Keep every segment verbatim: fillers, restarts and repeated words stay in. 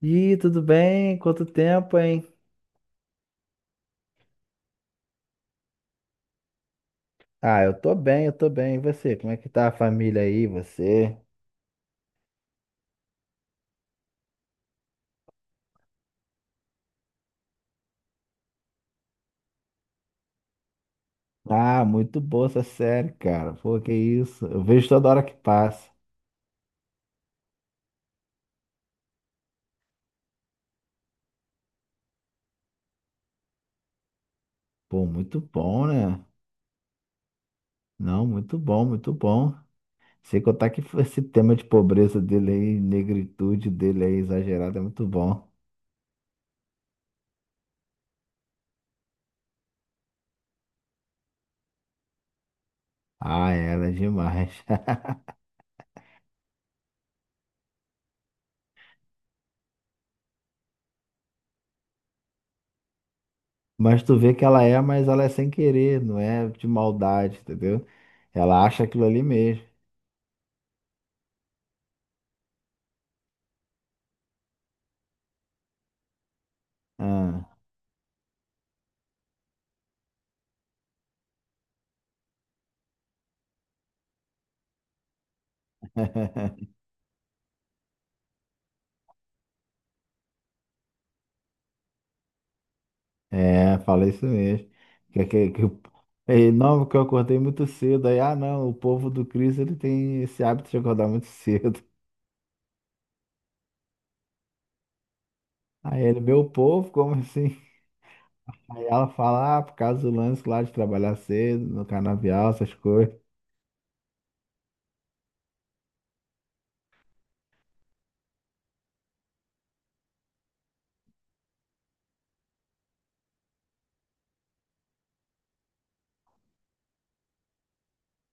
Ih, tudo bem? Quanto tempo, hein? Ah, eu tô bem, eu tô bem. E você? Como é que tá a família aí, você? Ah, muito boa essa série, cara. Pô, que isso? Eu vejo toda hora que passa. Pô, muito bom, né? Não, muito bom, muito bom. Sem contar que esse tema de pobreza dele aí, negritude dele aí, exagerada, é muito bom. Ah, ela é né? Demais. Mas tu vê que ela é, mas ela é sem querer, não é de maldade, entendeu? Ela acha aquilo ali mesmo. Ah. É, fala isso mesmo. Que, que, que, o- É, não, porque eu acordei muito cedo. Aí, ah, não, o povo do Cristo ele tem esse hábito de acordar muito cedo. Aí ele, meu povo, como assim? Aí ela fala, ah, por causa do lance lá de trabalhar cedo, no canavial, essas coisas.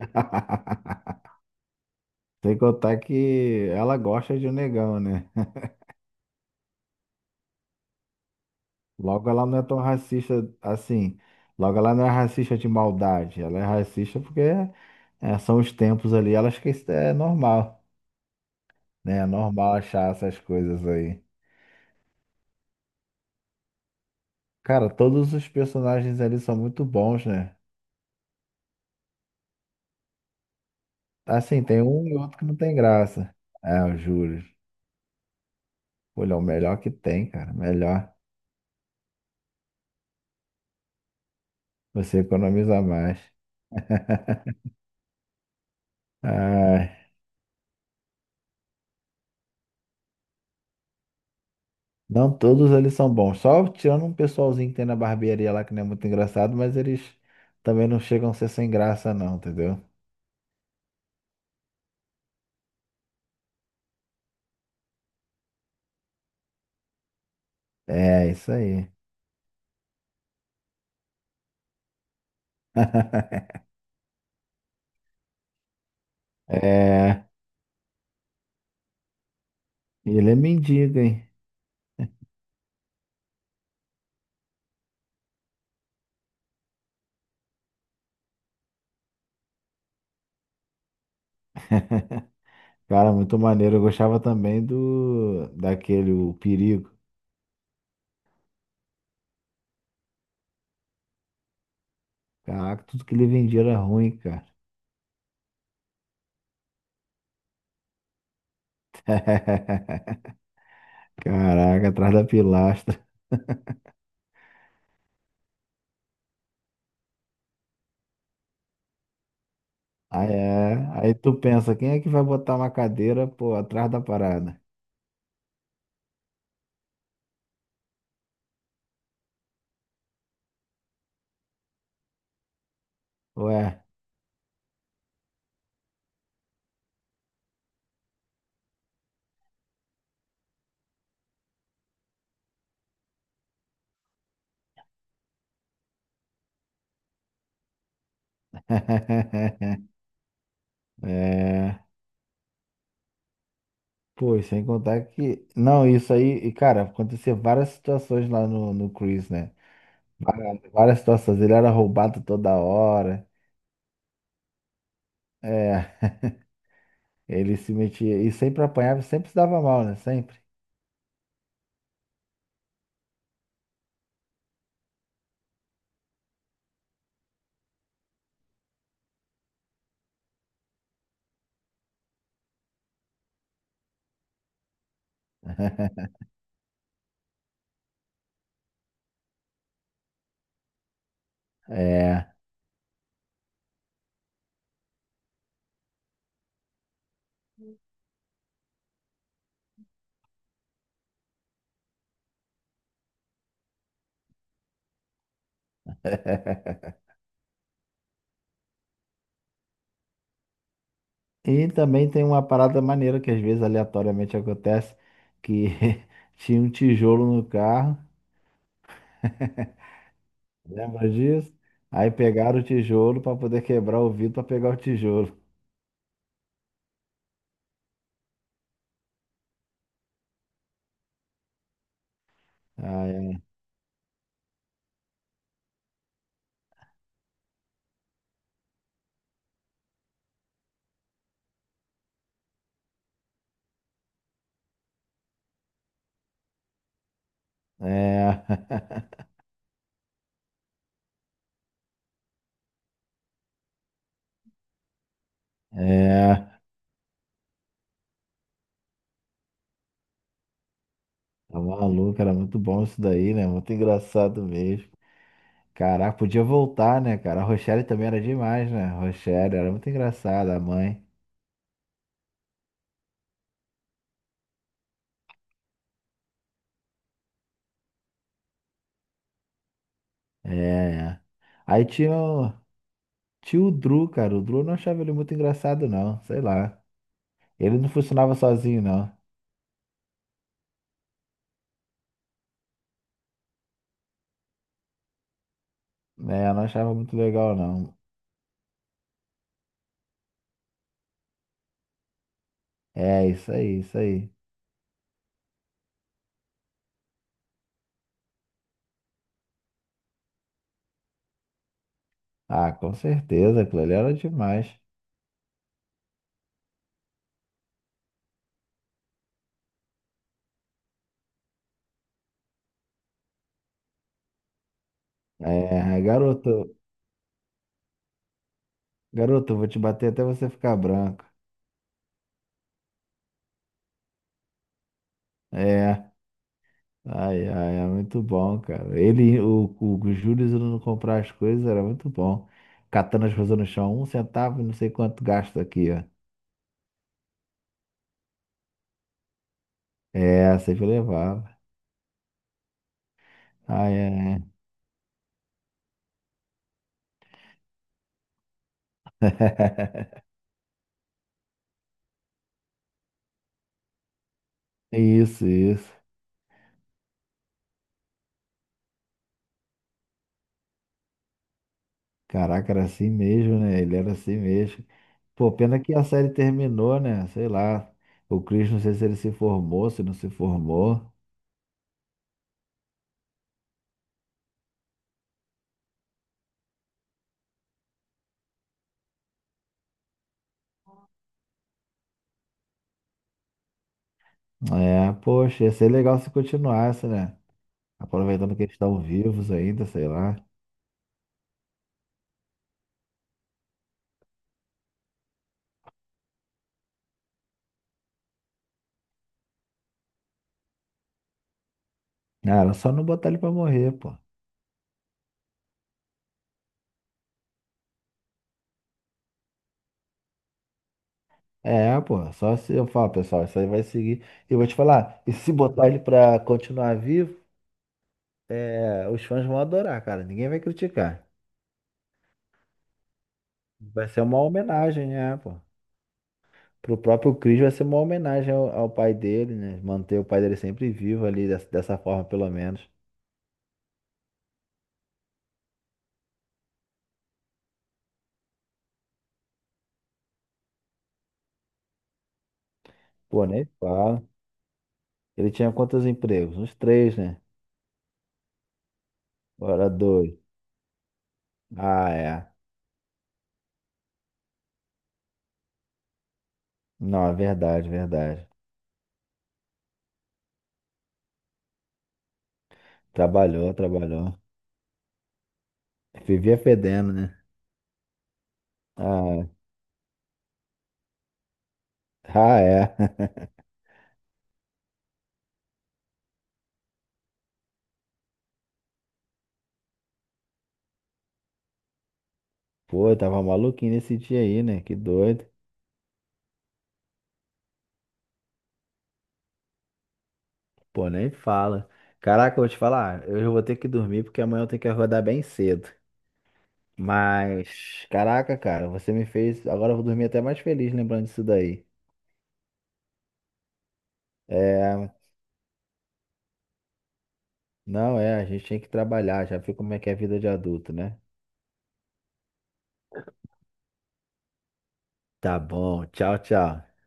Sem contar que ela gosta de um negão, né? Logo ela não é tão racista assim. Logo ela não é racista de maldade. Ela é racista porque é, são os tempos ali, ela acha que isso é normal. Né? É normal achar essas coisas aí. Cara, todos os personagens ali são muito bons, né? Assim, tem um e outro que não tem graça. É, o Júlio. Olha, é o melhor que tem, cara. Melhor. Você economiza mais. Ai. Não, todos eles são bons. Só tirando um pessoalzinho que tem na barbearia lá que não é muito engraçado, mas eles também não chegam a ser sem graça, não, entendeu? É, isso aí. É. E ele é mendigo, hein? Cara, muito maneiro. Eu gostava também do daquele, o Perigo. Caraca, tudo que ele vendia era ruim, cara. Caraca, atrás da pilastra. Aí, é. Aí tu pensa, quem é que vai botar uma cadeira, pô, atrás da parada? Ué. É. Pô, e sem contar que. Não, isso aí, e, cara, aconteceu várias situações lá no, no Chris, né? Várias várias situações. Ele era roubado toda hora. É. Ele se metia e sempre apanhava, e sempre se dava mal, né? Sempre. É. E também tem uma parada maneira que às vezes aleatoriamente acontece, que tinha um tijolo no carro. Lembra disso? Aí pegaram o tijolo para poder quebrar o vidro para pegar o tijolo. Ah, é. É. É. Tá maluco, era muito bom isso daí, né? Muito engraçado mesmo. Caraca, podia voltar, né, cara? A Rochelle também era demais, né? A Rochelle era muito engraçada, a mãe. É. Aí tinha, o- Tinha o Drew, cara. O Drew eu não achava ele muito engraçado, não. Sei lá. Ele não funcionava sozinho, não. É, eu não achava muito legal, não. É, isso aí, isso aí. Ah, com certeza, aquilo ali era demais. É, garoto, garoto, eu vou te bater até você ficar branco. É, ai, ai, é muito bom, cara. Ele, o, o, o Júlio indo comprar as coisas era muito bom. Catando as coisas no chão, um centavo, não sei quanto gasta aqui, ó. É, sempre levava. Ai, ai, ai. Isso, isso. Caraca, era assim mesmo, né? Ele era assim mesmo. Pô, pena que a série terminou, né? Sei lá. O Chris, não sei se ele se formou, se não se formou. É, poxa, ia ser legal se continuasse, né? Aproveitando que eles estão vivos ainda, sei lá. Cara, só não botar ele pra morrer, pô. É, pô, só se eu falar, pessoal, isso aí vai seguir. E vou te falar, e se botar ele pra continuar vivo, é, os fãs vão adorar, cara. Ninguém vai criticar. Vai ser uma homenagem, é, pô. Pro próprio Chris vai ser uma homenagem ao, ao pai dele, né? Manter o pai dele sempre vivo ali, dessa, dessa forma, pelo menos. Pô, nem fala. Ele tinha quantos empregos? Uns três, né? Agora dois. Ah, é. Não, é verdade, verdade. Trabalhou, trabalhou. Vivia fedendo, né? Ah, ah, é. Pô, eu tava maluquinho nesse dia aí, né? Que doido. Pô, nem fala. Caraca, eu vou te falar, eu já vou ter que dormir porque amanhã eu tenho que acordar bem cedo. Mas, caraca, cara, você me fez. Agora eu vou dormir até mais feliz lembrando disso daí. É, não é, a gente tem que trabalhar, já viu como é que é a vida de adulto, né? Tá bom, tchau, tchau.